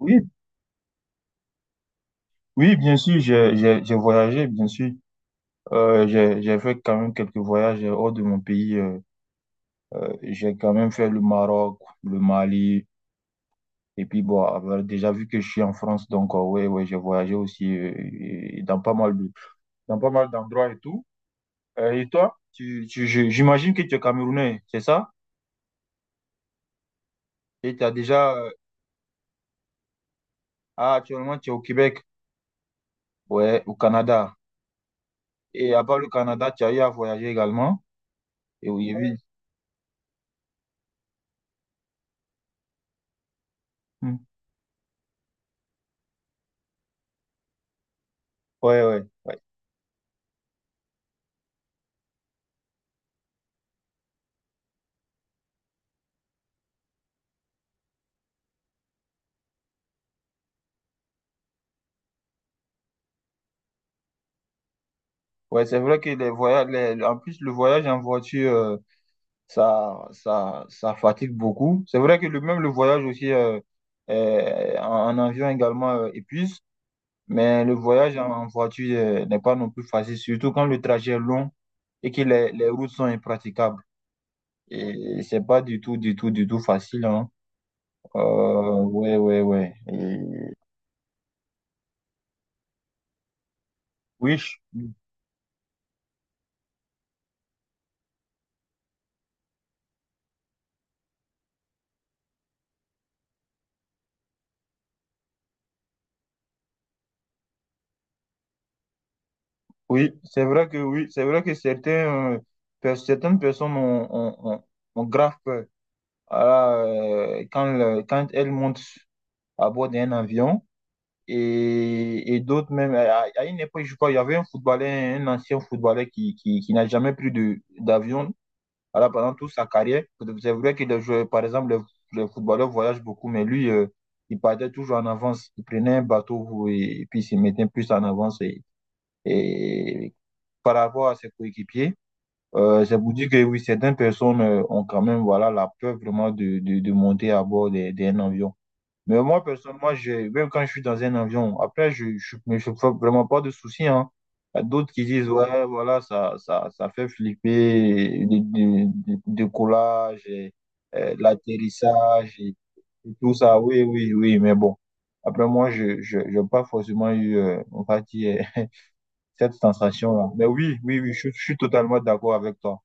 Oui, oui, bien sûr, j'ai voyagé, bien sûr. J'ai fait quand même quelques voyages hors de mon pays. J'ai quand même fait le Maroc, le Mali, et puis bon, déjà vu que je suis en France, donc ouais, ouais, j'ai voyagé aussi, et dans pas mal de, dans pas mal d'endroits et tout. Et toi, j'imagine que tu es Camerounais, c'est ça? Et tu as déjà, ah, actuellement, tu es au Québec, ouais, au Canada. Et à part le Canada, tu as eu à voyager également. Et oui, oui. Hmm. Ouais, ouais, ouais. Ouais, c'est vrai que les voyages, en plus, le voyage en voiture, ça fatigue beaucoup. C'est vrai que même le voyage aussi, en avion également, épuise, mais le voyage en voiture n'est pas non plus facile, surtout quand le trajet est long et que les routes sont impraticables. Et c'est pas du tout, du tout, du tout facile, hein. Ouais, ouais, ouais. Et oui, oui, c'est vrai que certains, certaines personnes ont grave peur. Voilà, quand elle monte à bord d'un avion, et d'autres même, à une époque, je crois, il y avait un footballeur, un ancien footballeur qui n'a jamais pris d'avion, voilà, pendant toute sa carrière. C'est vrai que par exemple, les footballeurs voyagent beaucoup, mais lui, il partait toujours en avance. Il prenait un bateau et puis il se mettait plus en avance et par rapport à ses coéquipiers. C'est pour dire que oui, certaines personnes, ont quand même voilà, la peur vraiment de monter à bord d'un avion. Mais moi, personnellement, même quand je suis dans un avion, après, je ne me fais vraiment pas de soucis. Hein. Il y a d'autres qui disent, ouais, voilà, ça fait flipper, le décollage, et, l'atterrissage et tout ça. Oui, oui, oui, mais bon. Après, moi, je n'ai pas forcément eu, on va dire, cette sensation-là. Mais oui, oui, oui, je suis totalement d'accord avec toi.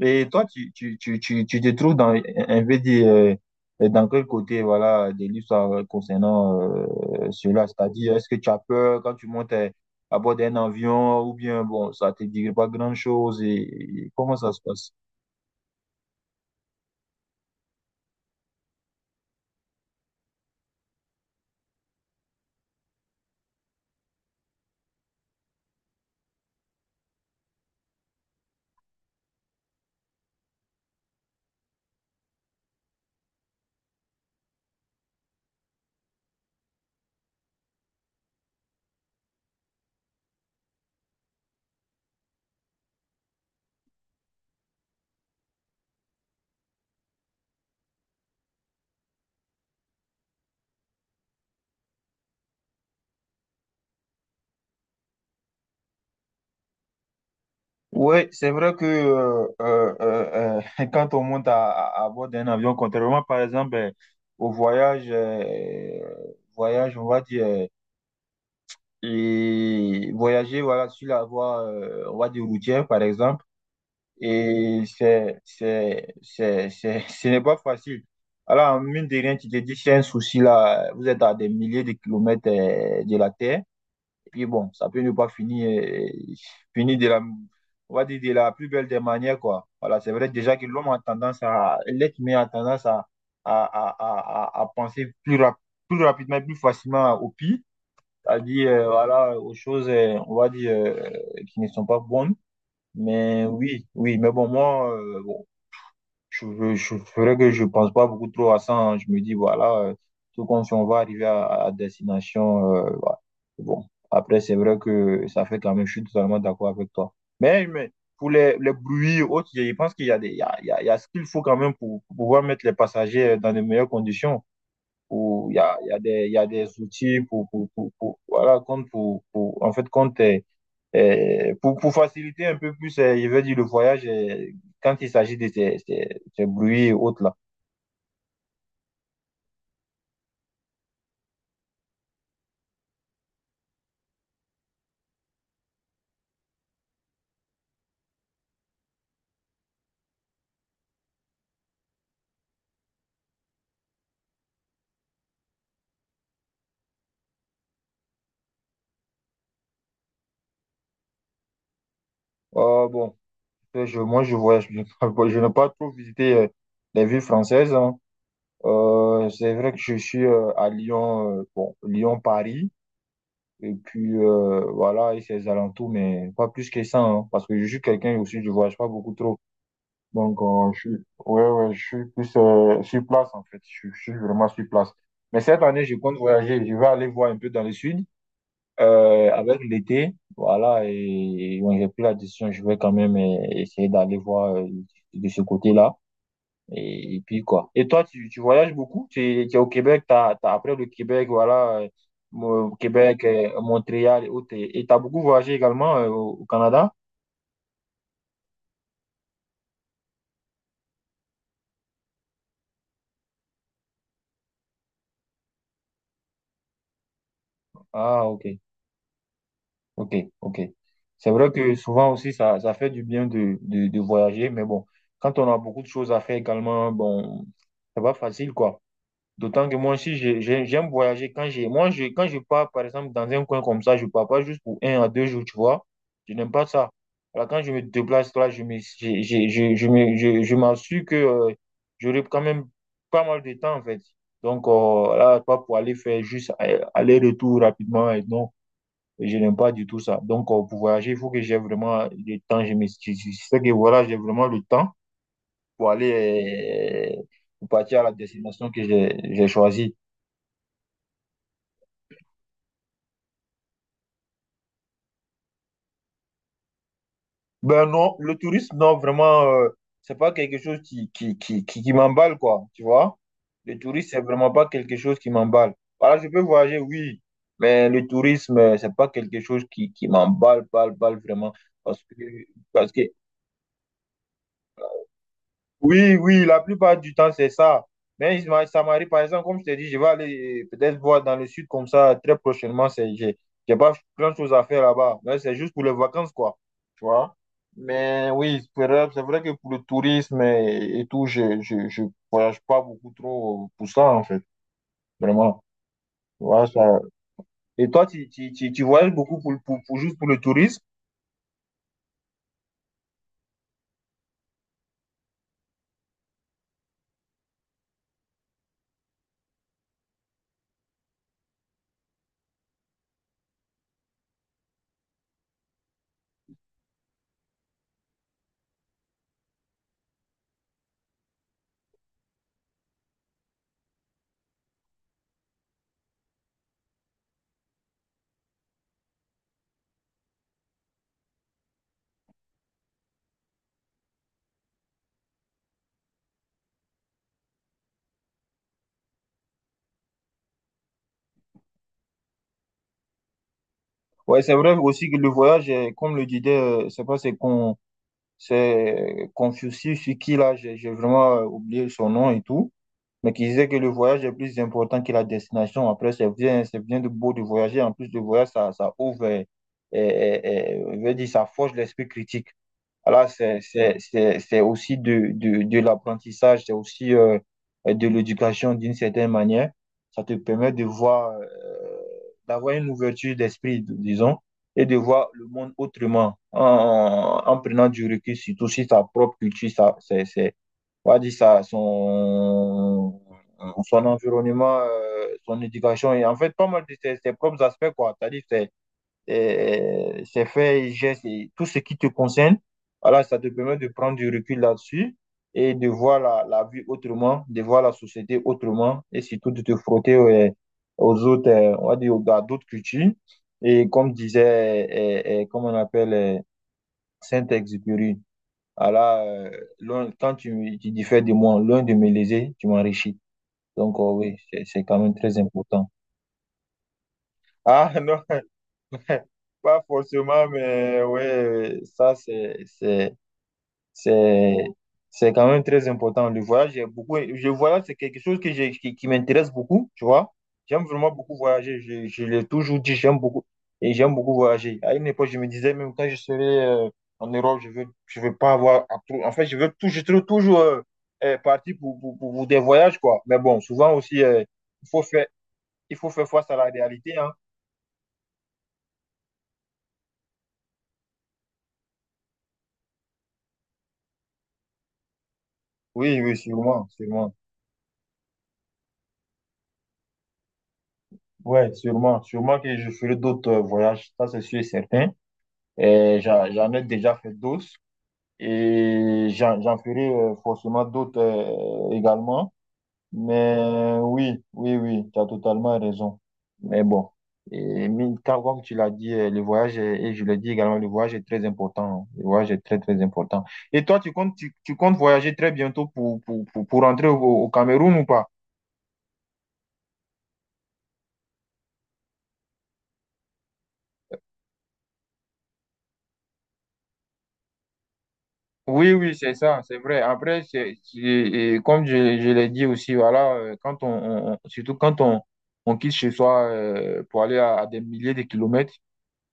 Et toi, tu te trouves dans quel côté, voilà, de l'histoire concernant, cela? C'est-à-dire, est-ce que tu as peur quand tu montes à bord d'un avion ou bien, bon, ça te dit pas grand-chose et comment ça se passe? Oui, c'est vrai que, quand on monte à bord d'un avion, contrairement par exemple, au voyage, voyage, on va dire, et voyager voilà, sur la voie, on va dire routière par exemple. Et ce n'est pas facile. Alors, mine de rien, tu te dis, c'est un souci là, vous êtes à des milliers de kilomètres, de la Terre. Et puis bon, ça peut ne pas finir on va dire de la plus belle des manières, quoi. Voilà, c'est vrai déjà que l'être humain a tendance à penser plus, plus rapidement, et plus facilement au pire, c'est-à-dire, voilà, aux choses, on va dire, qui ne sont pas bonnes. Mais oui, oui, mais bon, moi, bon, je ferais que je pense pas beaucoup trop à ça. Hein. Je me dis, voilà, tout comme si on va arriver à destination. Voilà. Bon, après, c'est vrai que ça fait quand même, je suis totalement d'accord avec toi. Mais pour les bruits et autres, je pense qu'il y a des, il y a, il y a, il y a ce qu'il faut quand même pour, pouvoir mettre les passagers dans de meilleures conditions où il y a des outils voilà, compte, en fait, compte, pour, faciliter un peu plus, je veux dire, le voyage, quand il s'agit de ces bruits et autres là. Bon, moi, je voyage, je n'ai pas trop visité, les villes françaises. Hein. C'est vrai que je suis, à Lyon, bon, Lyon-Paris, et puis voilà, et ses alentours, mais pas plus que ça, hein, parce que je suis quelqu'un aussi, je voyage pas beaucoup trop. Donc, je suis, ouais, ouais, je suis plus, sur place, en fait. Je suis vraiment sur place. Mais cette année, je compte voyager. Je vais aller voir un peu dans le sud, avec l'été. Voilà, et bon, j'ai pris la décision. Je vais quand même, essayer d'aller voir, de ce côté-là. Et puis, quoi. Et toi, tu voyages beaucoup? Tu es au Québec, après le Québec, voilà, Québec, Montréal et autres. Et tu as beaucoup voyagé également, au Canada? Ah, ok. Ok, ok. C'est vrai que souvent aussi, ça fait du bien de voyager, mais bon, quand on a beaucoup de choses à faire également, bon, c'est pas facile, quoi. D'autant que moi aussi, j'aime voyager. Quand je pars, par exemple, dans un coin comme ça, je pars pas juste pour 1 à 2 jours, tu vois. Je n'aime pas ça. Alors, quand je me déplace là, je me, j'ai- je, me, je m'assure que, j'aurai quand même pas mal de temps, en fait. Donc, là, pas pour aller faire juste, aller-retour rapidement, et non. Je n'aime pas du tout ça. Donc, pour voyager, il faut que j'ai vraiment le temps. Je sais que voilà, j'ai vraiment le temps pour aller, pour partir à la destination que j'ai choisie. Ben non, le tourisme, non, vraiment, c'est pas quelque chose qui m'emballe, quoi. Tu vois? Le tourisme, c'est vraiment pas quelque chose qui m'emballe. Voilà, je peux voyager, oui, mais le tourisme, c'est pas quelque chose qui m'emballe, balle, balle, vraiment. Parce que, parce que. Oui, oui, la plupart du temps, c'est ça. Mais ça m'arrive, par exemple, comme je t'ai dit, je vais aller, peut-être voir dans le sud comme ça très prochainement. J'ai pas plein de choses à faire là-bas. Mais c'est juste pour les vacances, quoi. Tu vois? Mais oui, c'est vrai que pour le tourisme et tout, je voyage pas beaucoup trop pour ça, en fait. Vraiment. Tu vois, ça. Et toi, tu voyages beaucoup pour, juste pour le tourisme? Ouais, c'est vrai aussi que le voyage, comme le disait, je sais pas, c'est Confucius, ce qui là, j'ai vraiment, oublié son nom et tout, mais qui disait que le voyage est plus important que la destination. Après, c'est bien de beau de voyager. En plus de voyager, ça ouvre, et et je veux dire, ça forge l'esprit critique. Voilà, c'est aussi de l'apprentissage, c'est aussi, de l'éducation d'une certaine manière. Ça te permet de voir, d'avoir une ouverture d'esprit, disons, et de voir le monde autrement, en, prenant du recul, surtout sur sa propre culture, ça, on va dire ça, son environnement, son éducation, et en fait, pas mal de ses propres aspects, quoi. C'est-à-dire, c'est, ces faits et gestes et tout ce qui te concerne. Voilà, ça te permet de prendre du recul là-dessus et de voir la vie autrement, de voir la société autrement et surtout de te frotter, aux autres, on va dire, à d'autres cultures. Et comme disait, comme on appelle, Saint-Exupéry, voilà, quand tu diffères de moi, loin de me léser, tu m'enrichis. Donc, oui, c'est quand même très important. Ah, non. Pas forcément, mais ouais, ça c'est c'est quand même très important. Le voyage, j'ai beaucoup, je voyage, c'est quelque chose que j'ai qui m'intéresse beaucoup, tu vois. J'aime vraiment beaucoup voyager. Je l'ai toujours dit, j'aime beaucoup et j'aime beaucoup voyager. À une époque, je me disais même quand je serai, en Europe, je veux pas avoir En fait, je veux tout, je serai toujours, parti pour des voyages quoi. Mais bon, souvent aussi, il faut faire il faut faire face à la réalité, hein. Oui, oui, sûrement, sûrement. Ouais, sûrement. Sûrement que je ferai d'autres, voyages, ça c'est sûr et certain. Et j'en ai déjà fait d'autres et j'en ferai, forcément d'autres, également. Mais oui, oui, oui, tu as totalement raison. Mais bon, comme tu l'as dit, et je l'ai dit également, le voyage est très important. Le voyage est très, très important. Et toi, tu comptes voyager très bientôt pour, rentrer au Cameroun ou pas? Oui, oui, c'est ça, c'est vrai. Après, et comme je l'ai dit aussi, voilà, quand on, surtout quand on quitte chez soi, pour aller à des milliers de kilomètres,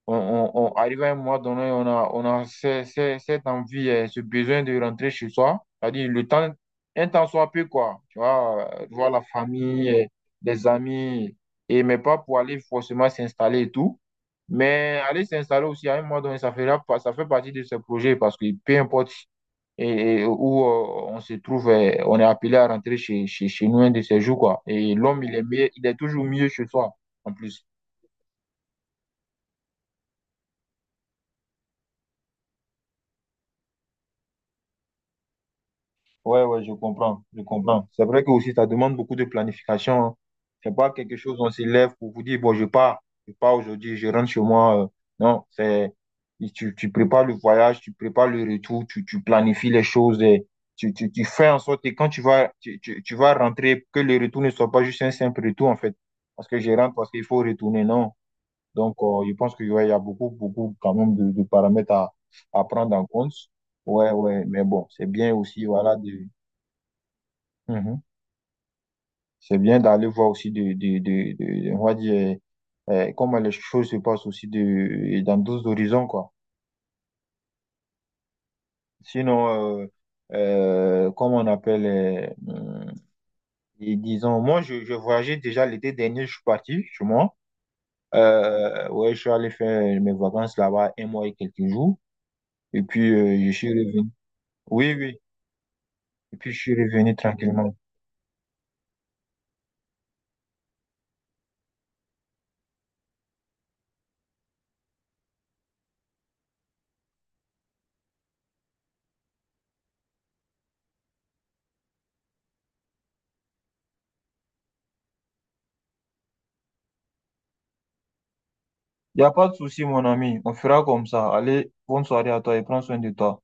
on arrive à un moment donné, on a cette envie, ce besoin de rentrer chez soi. C'est-à-dire le temps, un temps soit peu, quoi. Tu vois, voir la famille, les amis, et mais pas pour aller forcément s'installer et tout. Mais aller s'installer aussi à un moment donné, ça fait partie de ce projet parce que peu importe et où, on se trouve, on est appelé à rentrer chez nous un de ces jours, quoi. Et l'homme, il est mieux, il est toujours mieux chez soi, en plus. Ouais, ouais, je comprends, je comprends. C'est vrai que aussi, ça demande beaucoup de planification. Hein. C'est pas quelque chose, on se lève pour vous dire, bon, je pars, aujourd'hui, je rentre chez moi. Non, c'est, tu prépares le voyage, tu prépares le retour, tu planifies les choses, et tu fais en sorte que quand tu vas, tu vas rentrer, que le retour ne soit pas juste un simple retour, en fait. Parce que je rentre, parce qu'il faut retourner, non. Donc, je pense qu'il y a beaucoup, beaucoup quand même de paramètres à prendre en compte. Ouais, ouais, mais bon, c'est bien aussi, voilà, de. Mhm. C'est bien d'aller voir aussi on va dire, comment les choses se passent aussi dans d'autres horizons, quoi. Sinon, comment on appelle, et disons, moi, je voyageais déjà l'été dernier, je suis parti chez moi. Ouais, je suis allé faire mes vacances là-bas un mois et quelques jours. Et puis, je suis revenu. Oui, oui. Et puis, je suis revenu tranquillement. Il n'y a pas de souci, mon ami. On fera comme ça. Allez, bonne soirée à toi et prends soin de toi.